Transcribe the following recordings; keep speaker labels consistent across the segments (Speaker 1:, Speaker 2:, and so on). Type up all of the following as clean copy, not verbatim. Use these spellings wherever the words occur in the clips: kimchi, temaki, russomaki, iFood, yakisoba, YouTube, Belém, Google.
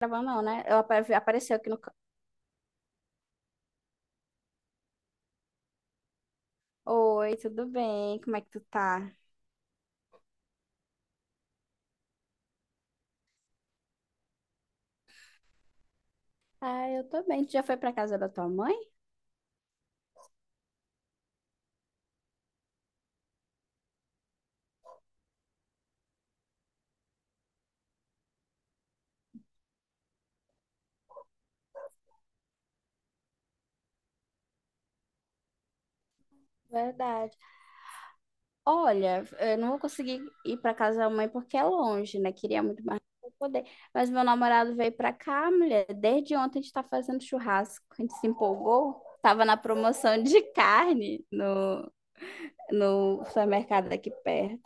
Speaker 1: Gravando não, né? Ela apareceu aqui no... Oi, tudo bem? Como é que tu tá? Ah, eu tô bem. Tu já foi pra casa da tua mãe? Verdade. Olha, eu não vou conseguir ir pra casa da mãe porque é longe, né? Queria muito mais não poder. Mas meu namorado veio pra cá, mulher. Desde ontem a gente tá fazendo churrasco. A gente se empolgou. Tava na promoção de carne no supermercado daqui perto.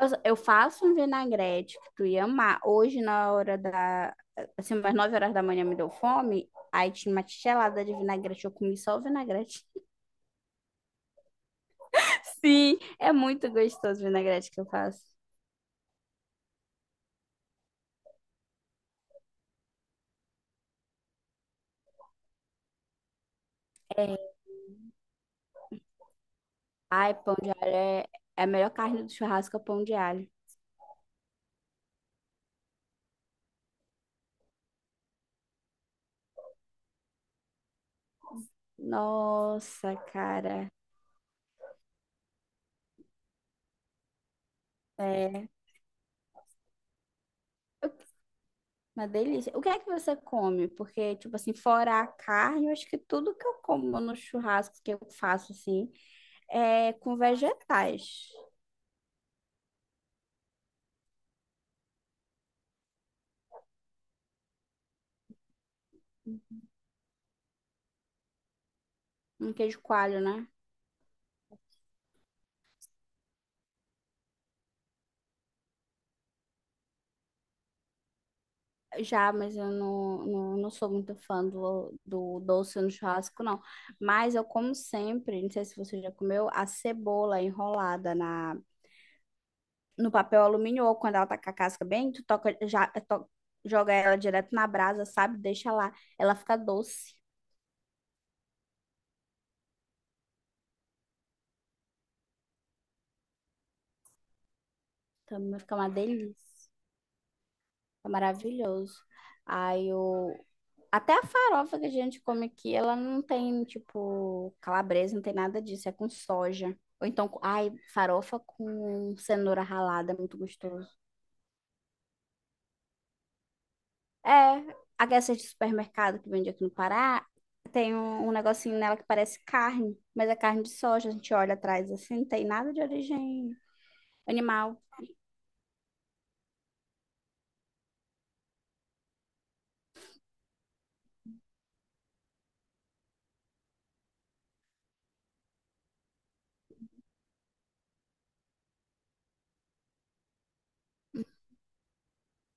Speaker 1: Eu faço um vinagrete que tu ia amar. Hoje, na hora da. Assim, umas 9 horas da manhã me deu fome. Aí tinha uma tigelada de vinagrete. Eu comi só o vinagrete. Sim, é muito gostoso o vinagrete que eu faço. É. Ai, pão de alho é, é a melhor carne do churrasco, é o pão de alho. Nossa, cara. É. Eu- uma delícia. O que é que você come? Porque, tipo assim, fora a carne, eu acho que tudo que eu como no churrasco que eu faço, assim, é com vegetais. Um queijo coalho, né? Já, mas eu não sou muito fã do, do doce no churrasco, não. Mas eu como sempre, não sei se você já comeu, a cebola enrolada na, no papel alumínio ou quando ela tá com a casca bem, tu toca, já, joga ela direto na brasa, sabe? Deixa lá. Ela fica doce. Também fica uma delícia. Fica maravilhoso. Aí o. Até a farofa que a gente come aqui, ela não tem, tipo, calabresa, não tem nada disso, é com soja. Ou então, ai, farofa com cenoura ralada, é muito gostoso. É, a dessas de supermercado que vende aqui no Pará, tem um negocinho nela que parece carne, mas é carne de soja, a gente olha atrás assim, não tem nada de origem animal,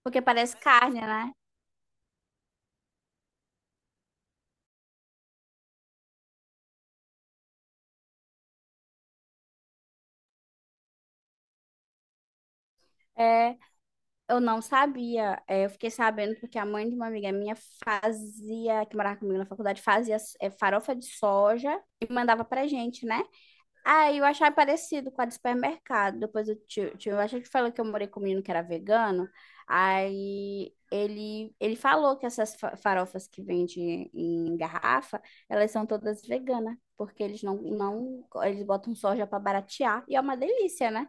Speaker 1: porque parece carne, né? É. Eu não sabia, é, eu fiquei sabendo porque a mãe de uma amiga minha fazia, que morava comigo na faculdade, fazia é, farofa de soja e mandava pra gente, né? Aí eu achava parecido com a de supermercado. Depois eu, eu achei que falou que eu morei com um menino que era vegano. Aí ele falou que essas farofas que vende em garrafa, elas são todas veganas, porque eles não, não, eles botam soja pra baratear. E é uma delícia, né?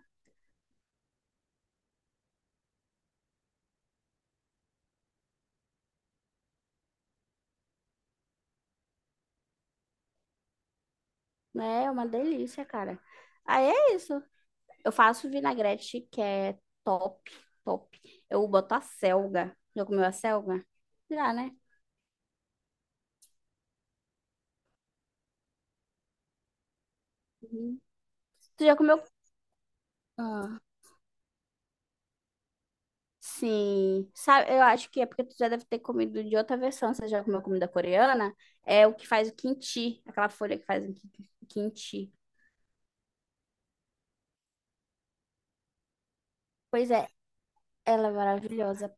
Speaker 1: É uma delícia, cara. Aí é isso. Eu faço vinagrete que é top, top. Eu boto a selga. Já comeu a selga? Já, né? Uhum. Tu já comeu? Ah, sim. Sabe, eu acho que é porque tu já deve ter comido de outra versão. Você já comeu comida coreana? É o que faz o kimchi, aquela folha que faz o kimchi. Pois é, ela é maravilhosa.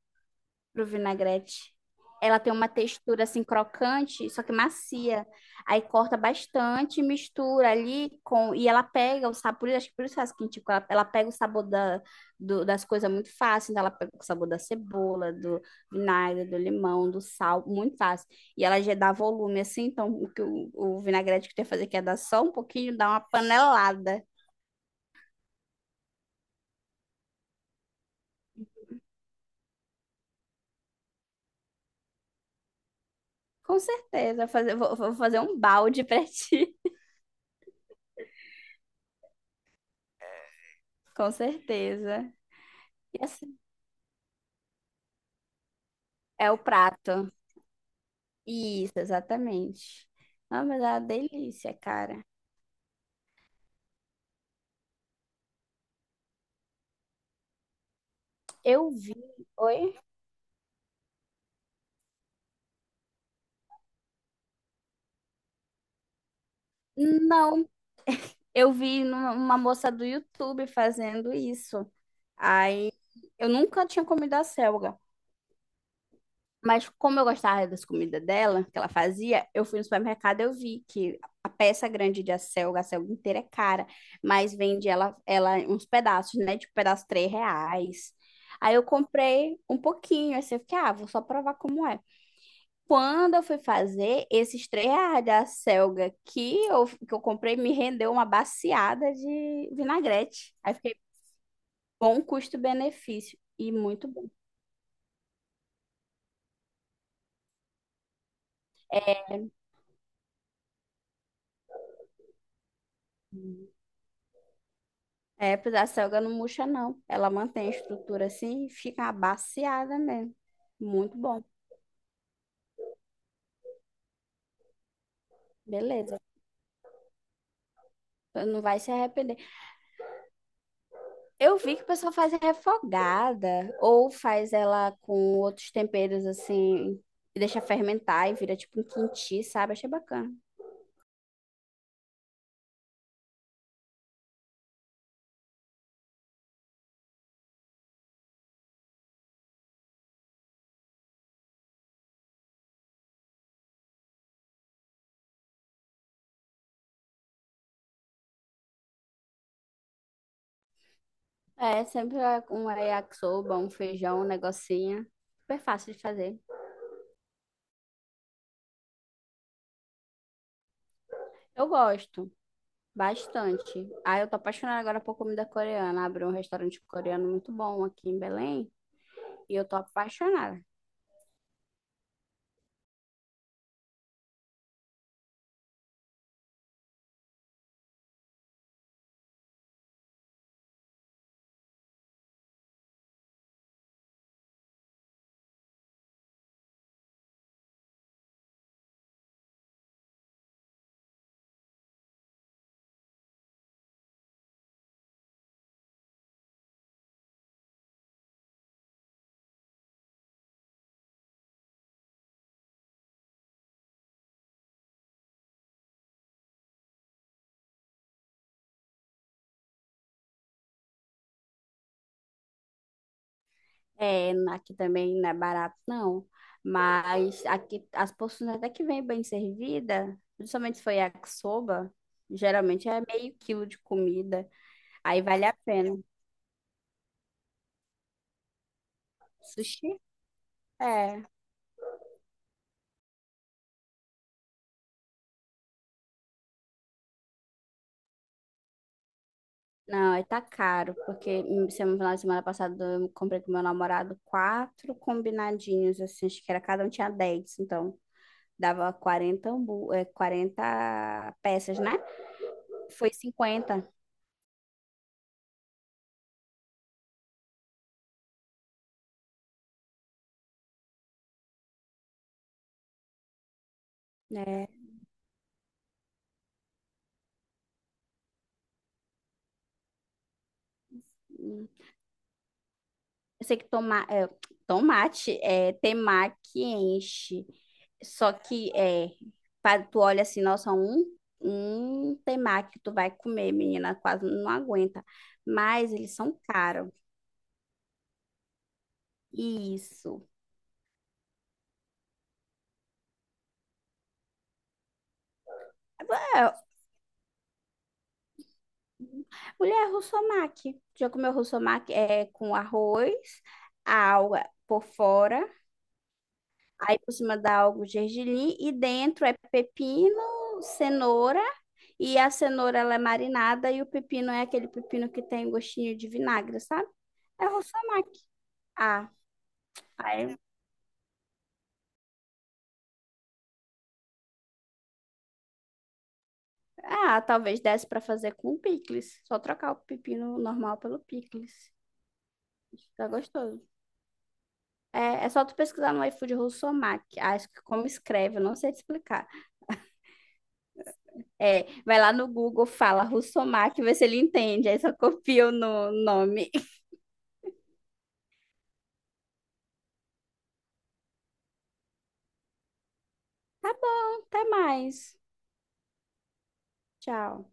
Speaker 1: Pro vinagrete. Ela tem uma textura assim crocante, só que macia. Aí corta bastante, mistura ali com. E ela pega o sabor, acho que por isso faz quente, ela pega o sabor da, das coisas muito fácil. Então ela pega o sabor da cebola, do vinagre, do limão, do sal, muito fácil. E ela já dá volume assim, então o vinagrete que tem que fazer que é dar só um pouquinho, dar uma panelada. Com certeza, fazer, vou fazer um balde pra ti. Com certeza. E assim, é o prato. Isso, exatamente. Ah, mas é uma delícia, cara. Eu vi. Oi? Não, eu vi uma moça do YouTube fazendo isso. Aí eu nunca tinha comido a selga. Mas como eu gostava das comidas dela, que ela fazia, eu fui no supermercado e eu vi que a peça grande de acelga, a acelga inteira é cara, mas vende ela, ela em uns pedaços, né? Tipo, pedaço R$ 3. Aí eu comprei um pouquinho, aí eu fiquei, ah, vou só provar como é. Quando eu fui fazer, esses três da Selga que eu comprei me rendeu uma baciada de vinagrete. Aí fiquei bom custo-benefício e muito bom. É, pois a Selga não murcha, não. Ela mantém a estrutura assim e fica uma baciada mesmo. Muito bom. Beleza. Não vai se arrepender. Eu vi que o pessoal faz refogada ou faz ela com outros temperos assim e deixa fermentar e vira tipo um quinti, sabe? Achei bacana. É, sempre é um yakisoba, um feijão, um negocinho. Super fácil de fazer. Eu gosto bastante. Ah, eu tô apaixonada agora por comida coreana. Abriu um restaurante coreano muito bom aqui em Belém e eu tô apaixonada. É, aqui também não é barato, não. Mas aqui as porções até que vem bem servida, principalmente se for yakisoba, geralmente é meio quilo de comida. Aí vale a pena. Sushi? É. Não, aí tá caro, porque no final de semana passada eu comprei com meu namorado quatro combinadinhos, assim, acho que era cada um tinha 10, então dava 40 peças, né? Foi 50, né? Hum. Eu sei que tomate é temaki enche, só que é, tu olha assim, nossa, um temaki tu vai comer, menina, quase não aguenta, mas eles são caros. Isso. É, Mulher russomaki. Já comeu russomaki é com arroz, alga por fora, aí por cima dá algo gergelim e dentro é pepino, cenoura e a cenoura ela é marinada e o pepino é aquele pepino que tem gostinho de vinagre, sabe? É russomaki. Ah, aí, ah, talvez desse para fazer com picles. Só trocar o pepino normal pelo picles. Fica gostoso. É, é só tu pesquisar no iFood russomaki. Acho que como escreve, eu não sei te explicar. É, vai lá no Google, fala Russomach, vê se ele entende. Aí só copia o nome. Tá bom, até mais. Tchau.